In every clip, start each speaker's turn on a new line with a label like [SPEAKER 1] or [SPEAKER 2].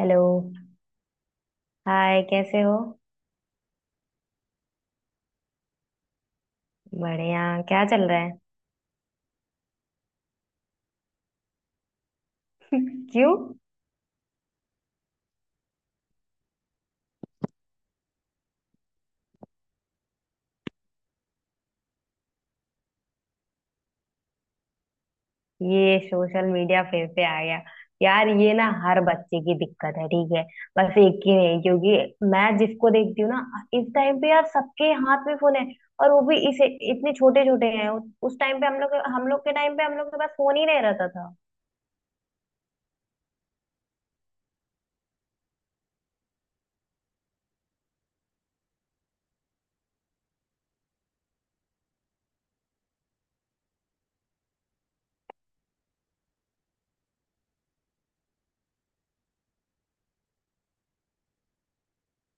[SPEAKER 1] Hello. Hi, कैसे हो? बढ़िया। क्या चल रहा है? क्यों? ये सोशल मीडिया फिर से आ गया। यार, ये ना हर बच्चे की दिक्कत है, ठीक है? बस एक की नहीं, क्योंकि मैं जिसको देखती हूँ ना, इस टाइम पे यार सबके हाथ में फोन है। और वो भी इसे इतने छोटे छोटे हैं। उस टाइम पे हम लोग के टाइम पे हम लोग के पास फोन ही नहीं रहता था।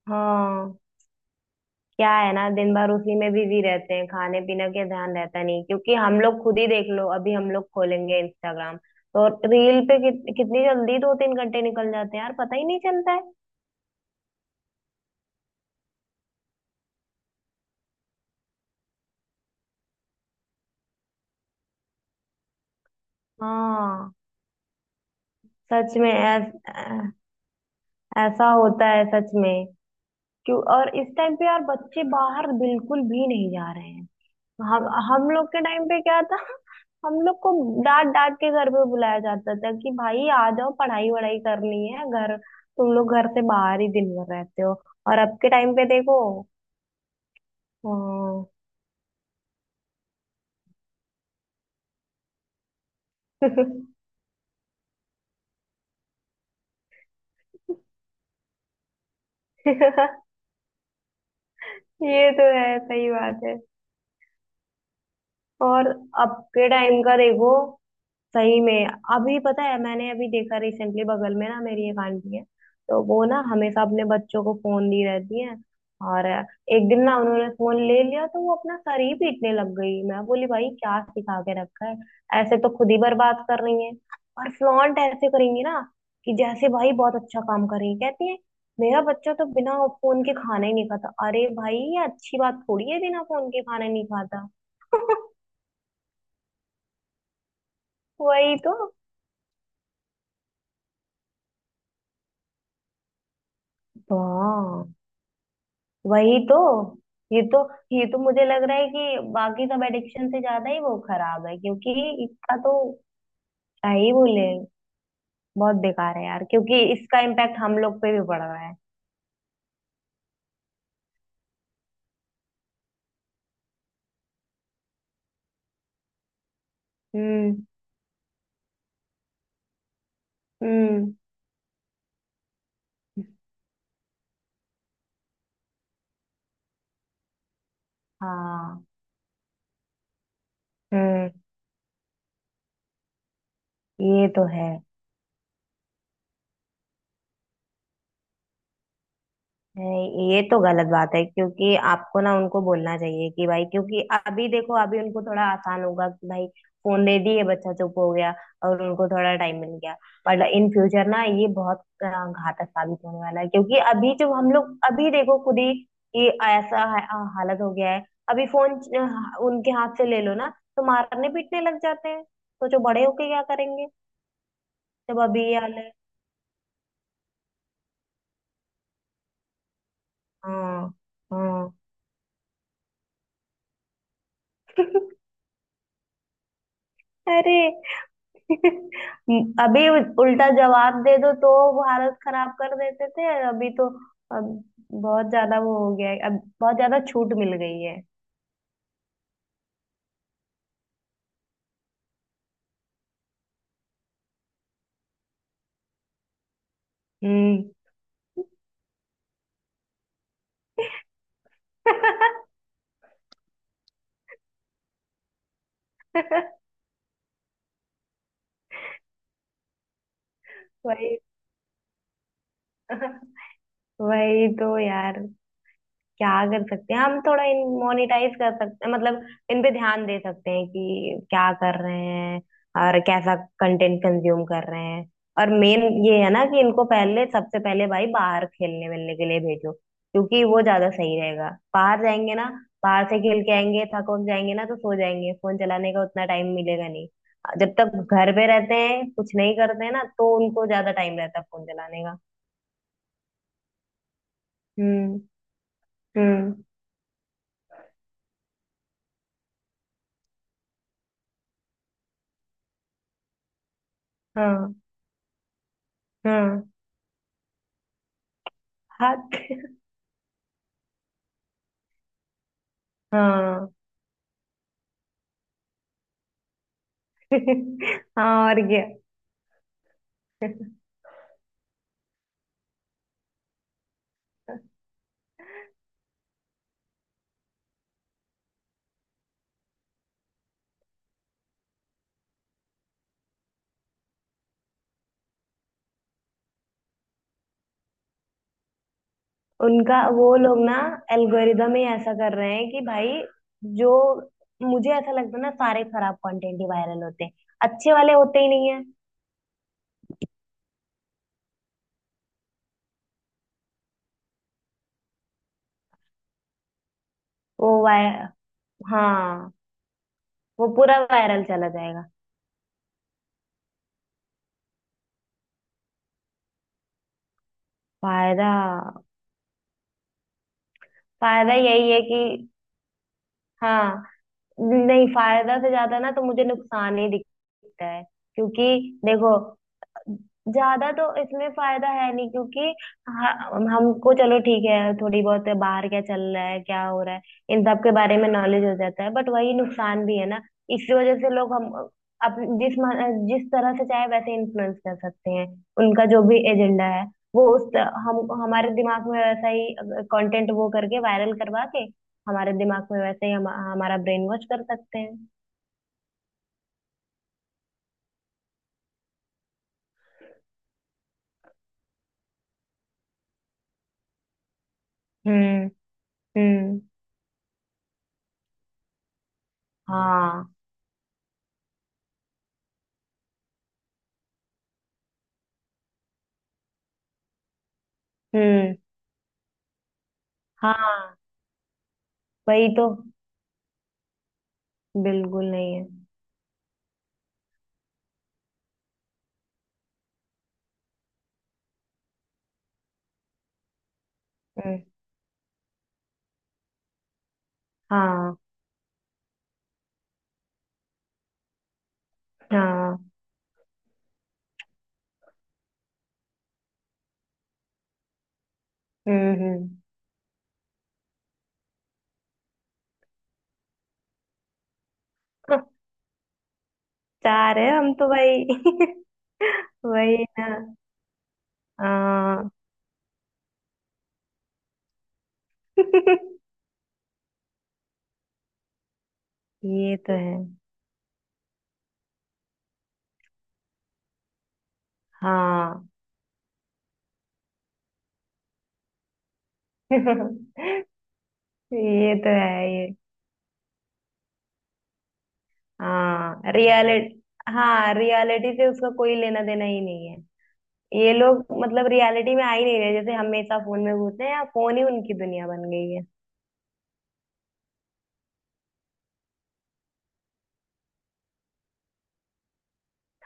[SPEAKER 1] हाँ। क्या है ना, दिन भर उसी में बिजी रहते हैं, खाने पीने के ध्यान रहता नहीं क्योंकि हम लोग खुद ही देख लो, अभी हम लोग खोलेंगे इंस्टाग्राम तो रील पे कितनी जल्दी दो तीन घंटे निकल जाते हैं यार, पता ही नहीं चलता है। हाँ। सच में ऐस, ऐ- ऐसा होता है सच में। क्यों? और इस टाइम पे यार बच्चे बाहर बिल्कुल भी नहीं जा रहे हैं। हम लोग के टाइम पे क्या था? हम लोग को डांट डांट के घर पे बुलाया जाता था कि भाई आ जाओ, पढ़ाई वढ़ाई करनी है, घर तुम लोग घर से बाहर ही दिन भर रहते हो। और अब के टाइम पे देखो। हाँ। ये तो है, सही बात है। और अब के टाइम का देखो, सही में। अभी पता है, मैंने अभी देखा रिसेंटली, बगल में ना मेरी एक आंटी है। तो वो ना हमेशा अपने बच्चों को फोन दी रहती है। और एक दिन ना उन्होंने फोन ले लिया तो वो अपना सर ही पीटने लग गई। मैं बोली, भाई क्या सिखा के रखा है? ऐसे तो खुद ही बर्बाद कर रही है। और फ्लॉन्ट ऐसे करेंगी ना कि जैसे भाई बहुत अच्छा काम कर रही है। कहती है, मेरा बच्चा तो बिना फोन के खाना ही नहीं खाता। अरे भाई, ये अच्छी बात थोड़ी है, बिना फोन के खाना नहीं खाता। वही तो। हाँ, वही तो। ये तो ये तो मुझे लग रहा है कि बाकी सब एडिक्शन से ज्यादा ही वो खराब है क्योंकि इसका तो, क्या ही बोले, बहुत बेकार है यार, क्योंकि इसका इम्पैक्ट हम लोग पे भी पड़ रहा है। हम्म। हम्म। हाँ। हम्म। ये तो है। नहीं, ये तो गलत बात है क्योंकि आपको ना उनको बोलना चाहिए कि भाई, क्योंकि अभी देखो अभी उनको थोड़ा आसान होगा कि भाई फोन दे दिए, बच्चा चुप हो गया और उनको थोड़ा टाइम मिल गया। पर इन फ्यूचर ना ये बहुत घातक साबित होने वाला है क्योंकि अभी जो हम लोग, अभी देखो खुद ही कि ऐसा हालत हो गया है। अभी फोन उनके हाथ से ले लो ना तो मारने पीटने लग जाते हैं, सोचो बड़े होके क्या करेंगे जब अभी ये हाल है। हाँ। हाँ। अरे! अभी उल्टा जवाब दे दो तो भारत खराब कर देते थे अभी तो। अब बहुत ज्यादा वो हो गया है, अब बहुत ज्यादा छूट मिल गई है। हम्म। वही वही तो यार, क्या कर सकते हैं, हम थोड़ा इन मोनिटाइज कर सकते हैं, मतलब इन पे ध्यान दे सकते हैं कि क्या कर रहे हैं और कैसा कंटेंट कंज्यूम कर रहे हैं। और मेन ये है ना कि इनको पहले, सबसे पहले भाई बाहर खेलने मिलने के लिए भेजो क्योंकि वो ज्यादा सही रहेगा। बाहर जाएंगे ना, बाहर से खेल के आएंगे, थक वक जाएंगे ना तो सो जाएंगे, फोन चलाने का उतना टाइम मिलेगा नहीं। जब तक घर पे रहते हैं कुछ नहीं करते हैं ना, तो उनको ज्यादा टाइम रहता है फोन चलाने का। हम्म। हम्म। हाँ। हाँ। हाँ। हाँ। हाँ, और क्या। उनका, वो लोग ना एल्गोरिदम ही ऐसा कर रहे हैं कि भाई, जो, मुझे ऐसा लगता है ना सारे खराब कंटेंट ही वायरल होते हैं, अच्छे वाले होते ही नहीं है। वो वाय हाँ, वो पूरा वायरल चला जाएगा। फायदा? यही है कि, हाँ, नहीं, फायदा से ज्यादा ना तो मुझे नुकसान ही दिखता है क्योंकि देखो, ज्यादा तो इसमें फायदा है नहीं क्योंकि हमको चलो ठीक है, थोड़ी बहुत बाहर क्या चल रहा है क्या हो रहा है इन सब के बारे में नॉलेज हो जाता है, बट वही नुकसान भी है ना, इसी वजह से लोग हम, जिस जिस तरह से चाहे वैसे इन्फ्लुएंस कर सकते हैं, उनका जो भी एजेंडा है, वो हम हमारे दिमाग में वैसा ही कंटेंट वो करके, वायरल करवा के, हमारे दिमाग में वैसे ही हमारा ब्रेन वॉश कर सकते हैं। हम्म। हम्म। हाँ। हम्म। हाँ, वही तो, बिल्कुल नहीं है। हम्म। हाँ। हाँ। हम्म। हम्म। चार है हम तो भाई! वही ना। हाँ। ये तो है। हाँ। ये तो है ये। हाँ, रियलिटी। हाँ, रियलिटी से उसका कोई लेना देना ही नहीं है। ये लोग मतलब रियलिटी में आ ही नहीं रहे, जैसे हमेशा फोन में घुसते हैं या फोन ही उनकी दुनिया बन गई है।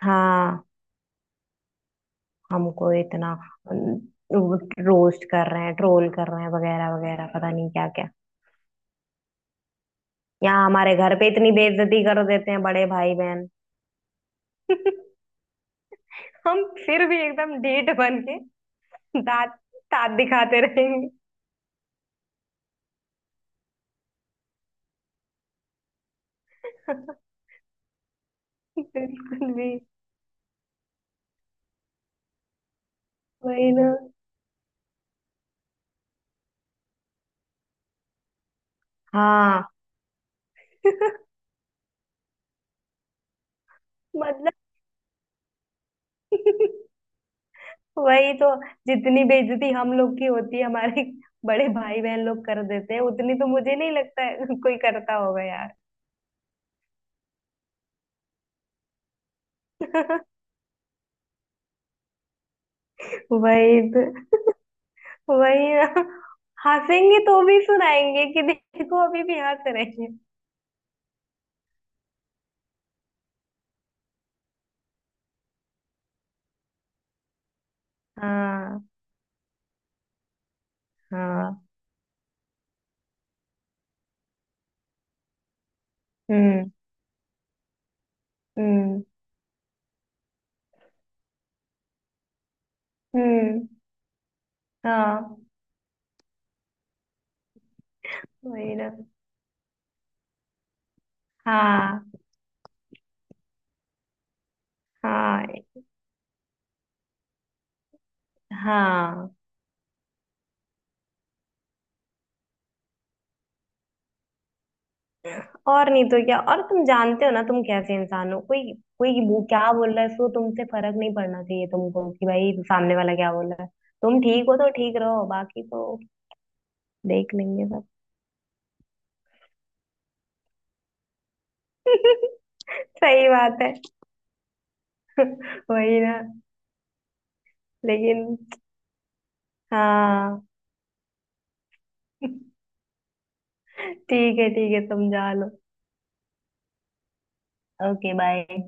[SPEAKER 1] हाँ। हमको इतना रोस्ट कर रहे हैं, ट्रोल कर रहे हैं, वगैरह वगैरह, पता नहीं क्या क्या। यहाँ हमारे घर पे इतनी बेइज्जती कर देते हैं बड़े भाई बहन। हम फिर भी एकदम ढीठ बन के दांत दांत दिखाते रहेंगे। बिल्कुल भी। वही ना। हाँ। मतलब, वही तो, जितनी बेइज्जती हम लोग की होती है, हमारे बड़े भाई बहन लोग कर देते हैं, उतनी तो मुझे नहीं लगता है कोई करता होगा यार। वही तो। वही ना। हंसेंगे तो भी सुनाएंगे कि देखो अभी भी हंस रहे हैं। हाँ। हाँ। हम्म। हम्म। हम्म। हाँ। वही ना। हाँ। हाँ। हाँ। और नहीं तो क्या, और तुम जानते हो ना तुम कैसे इंसान हो। कोई कोई वो क्या बोल रहा है, सो तुमसे फर्क नहीं पड़ना चाहिए तुमको कि भाई सामने वाला क्या बोल रहा है। तुम ठीक हो तो ठीक रहो, बाकी तो देख लेंगे सब। सही बात है। वही ना। लेकिन, हाँ। ठीक है, ठीक है, समझा लो। Okay, bye.